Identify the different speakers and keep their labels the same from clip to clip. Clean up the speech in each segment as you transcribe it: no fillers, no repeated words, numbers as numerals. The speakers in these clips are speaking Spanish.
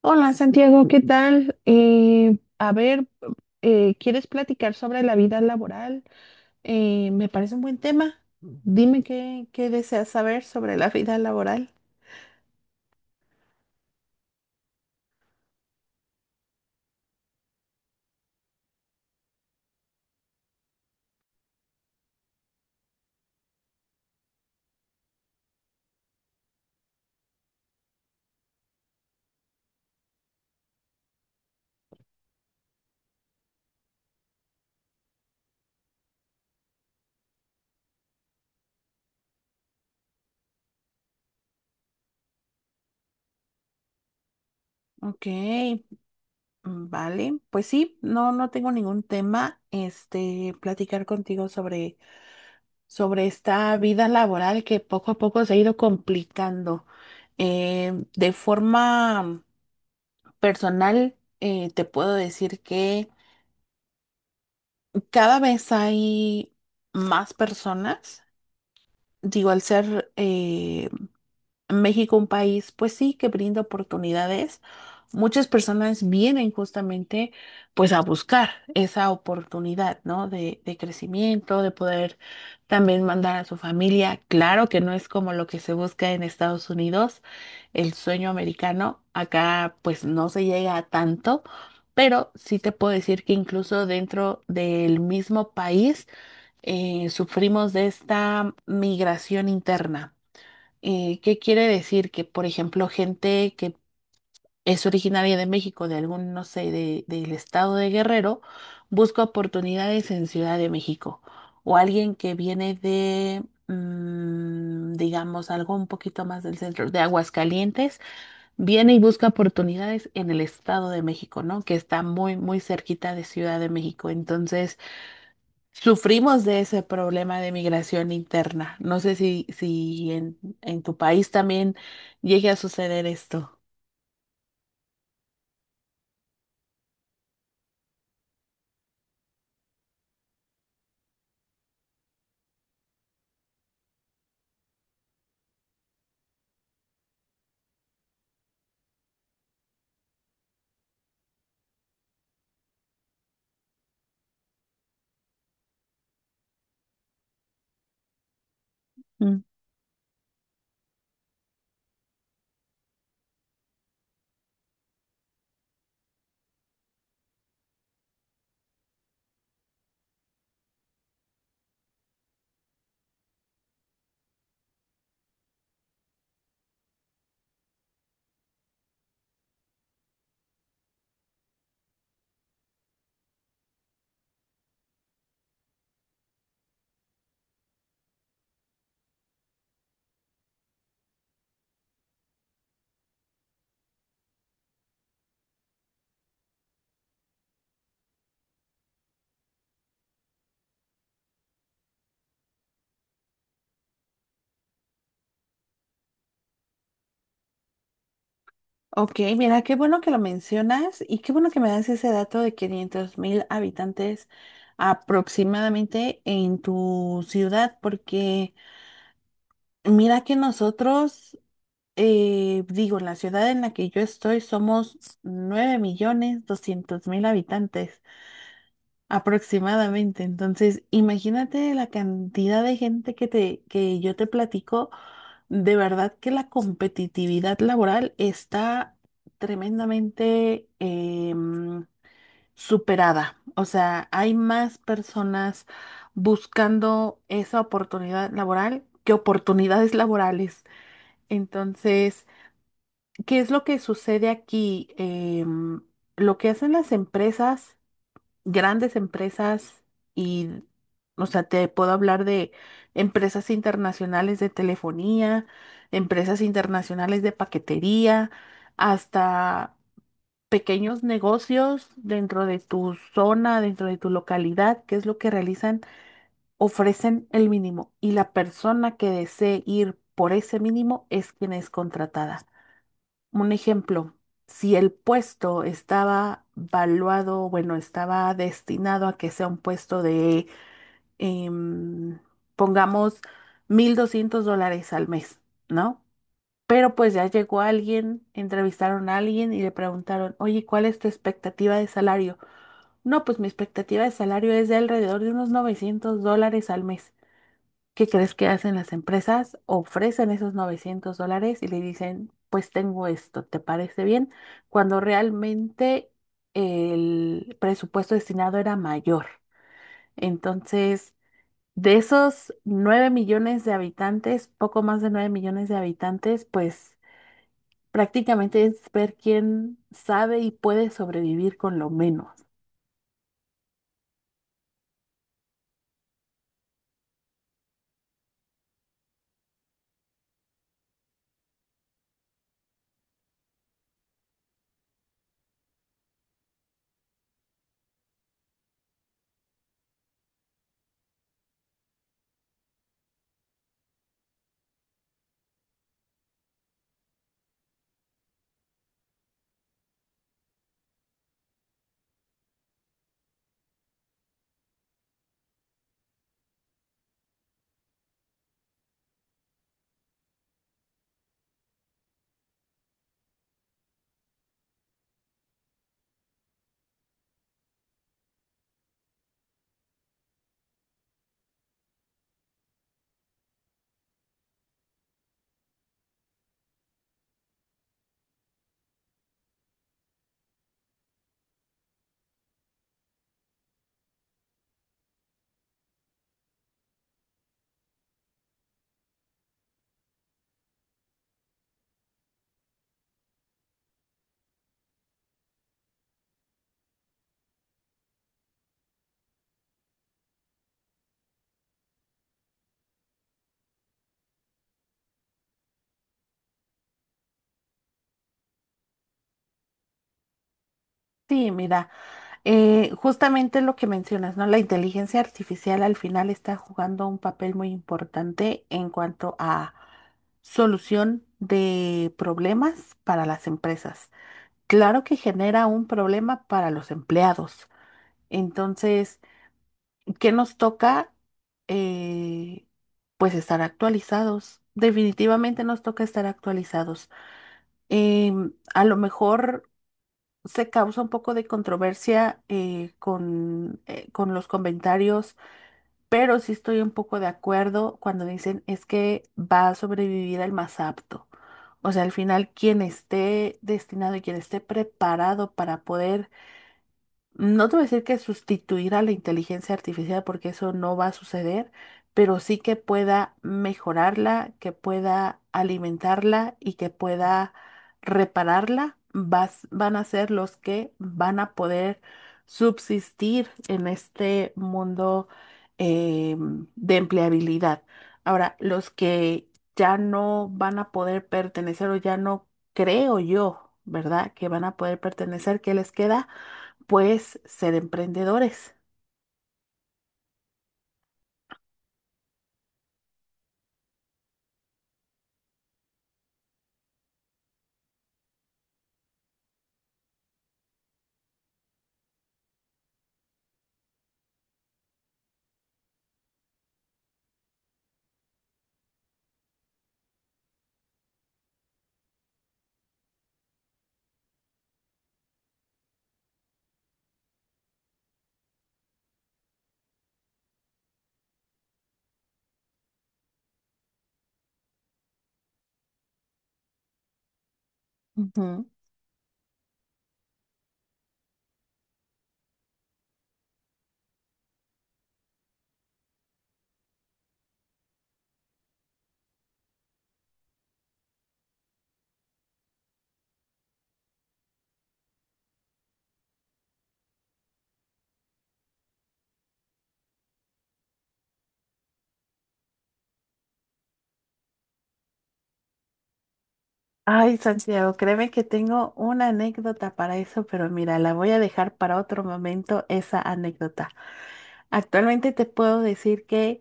Speaker 1: Hola Santiago, ¿qué tal? A ver, ¿quieres platicar sobre la vida laboral? Me parece un buen tema. Dime qué deseas saber sobre la vida laboral. Ok, mm, vale. Pues sí, no, no tengo ningún tema, este, platicar contigo sobre esta vida laboral que poco a poco se ha ido complicando. De forma personal, te puedo decir que cada vez hay más personas, digo, al ser México un país, pues sí, que brinda oportunidades, muchas personas vienen justamente pues a buscar esa oportunidad, ¿no? De crecimiento, de poder también mandar a su familia. Claro que no es como lo que se busca en Estados Unidos, el sueño americano, acá pues no se llega a tanto. Pero sí te puedo decir que incluso dentro del mismo país sufrimos de esta migración interna. ¿Qué quiere decir? Que, por ejemplo, gente que es originaria de México, de algún, no sé, del estado de Guerrero, busca oportunidades en Ciudad de México. O alguien que viene de, mm, digamos, algo un poquito más del centro, de Aguascalientes, viene y busca oportunidades en el estado de México, ¿no? Que está muy, muy cerquita de Ciudad de México. Entonces, sufrimos de ese problema de migración interna. No sé si en tu país también llegue a suceder esto. Mm. Ok, mira, qué bueno que lo mencionas y qué bueno que me das ese dato de 500 mil habitantes aproximadamente en tu ciudad, porque mira que nosotros, digo, la ciudad en la que yo estoy somos 9,2 millones de habitantes. Aproximadamente. Entonces, imagínate la cantidad de gente que que yo te platico. De verdad que la competitividad laboral está tremendamente superada. O sea, hay más personas buscando esa oportunidad laboral que oportunidades laborales. Entonces, ¿qué es lo que sucede aquí? Em, lo que hacen las empresas grandes empresas y, o sea, te puedo hablar de empresas internacionales de telefonía, empresas internacionales de paquetería, hasta pequeños negocios dentro de tu zona, dentro de tu localidad, que es lo que realizan, ofrecen el mínimo y la persona que desee ir por ese mínimo es quien es contratada. Un ejemplo, si el puesto estaba valuado, bueno, estaba destinado a que sea un puesto em, pongamos, $1200 al mes, ¿no? Pero pues ya llegó alguien, entrevistaron a alguien y le preguntaron, oye, ¿cuál es tu expectativa de salario? No, pues mi expectativa de salario es de alrededor de unos $900 al mes. ¿Qué crees que hacen las empresas? Ofrecen esos $900 y le dicen, pues tengo esto, ¿te parece bien? Cuando realmente el presupuesto destinado era mayor. Entonces, de esos 9 millones de habitantes, poco más de 9 millones de habitantes, pues prácticamente es ver quién sabe y puede sobrevivir con lo menos. Sí, mira. Justamente lo que mencionas, ¿no? La inteligencia artificial al final está jugando un papel muy importante en cuanto a solución de problemas para las empresas. Claro que genera un problema para los empleados. Entonces, ¿qué nos toca? Eh, pues estar actualizados. Definitivamente nos toca estar actualizados. A lo mejor se causa un poco de controversia con los comentarios, pero sí estoy un poco de acuerdo cuando dicen es que va a sobrevivir el más apto. O sea, al final, quien esté destinado y quien esté preparado para poder no te voy a decir que sustituir a la inteligencia artificial porque eso no va a suceder, pero sí que pueda mejorarla, que pueda alimentarla y que pueda repararla, van a ser los que van a poder subsistir en este mundo eh, de empleabilidad. Ahora, los que ya no van a poder pertenecer o ya no creo yo, ¿verdad? Que van a poder pertenecer, ¿qué les queda? Pues ser emprendedores. Ujú. Ay, Santiago, créeme que tengo una anécdota para eso, pero mira, la voy a dejar para otro momento esa anécdota. Actualmente te puedo decir que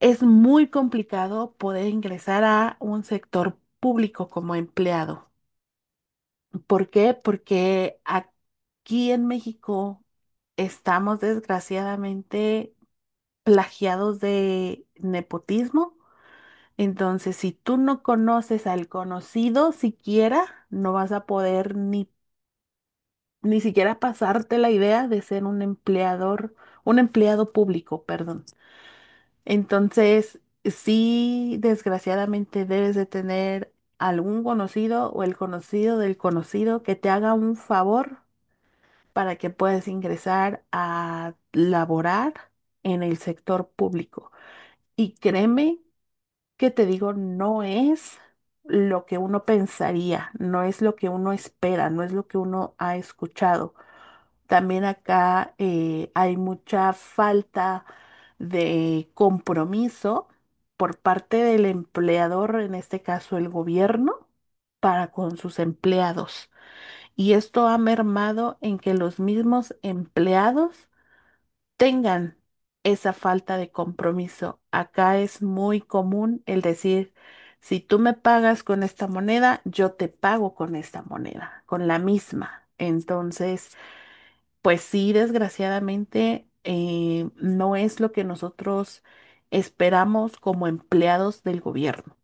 Speaker 1: es muy complicado poder ingresar a un sector público como empleado. ¿Por qué? Porque aquí en México estamos desgraciadamente plagiados de nepotismo. Entonces, si tú no conoces al conocido siquiera, no vas a poder ni siquiera pasarte la idea de ser un empleador, un empleado público, perdón. Entonces, sí, desgraciadamente debes de tener algún conocido o el conocido del conocido que te haga un favor para que puedas ingresar a laborar en el sector público. Y créeme que te digo, no es lo que uno pensaría, no es lo que uno espera, no es lo que uno ha escuchado. También acá hay mucha falta de compromiso por parte del empleador, en este caso el gobierno, para con sus empleados. Y esto ha mermado en que los mismos empleados tengan esa falta de compromiso. Acá es muy común el decir, si tú me pagas con esta moneda, yo te pago con esta moneda, con la misma. Entonces, pues sí, desgraciadamente, no es lo que nosotros esperamos como empleados del gobierno.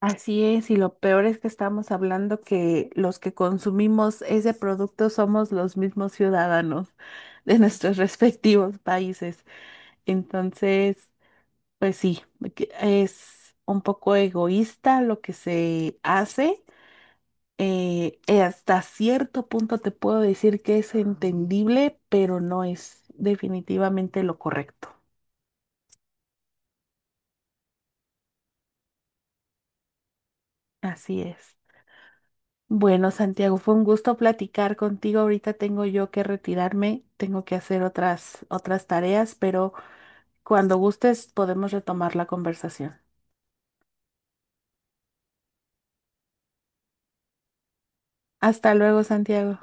Speaker 1: Así es, y lo peor es que estamos hablando que los que consumimos ese producto somos los mismos ciudadanos de nuestros respectivos países. Entonces, pues sí, que es un poco egoísta lo que se hace. Hasta cierto punto te puedo decir que es entendible, pero no es definitivamente lo correcto. Así es. Bueno, Santiago, fue un gusto platicar contigo. Ahorita tengo yo que retirarme, tengo que hacer otras tareas, pero cuando gustes podemos retomar la conversación. Hasta luego, Santiago.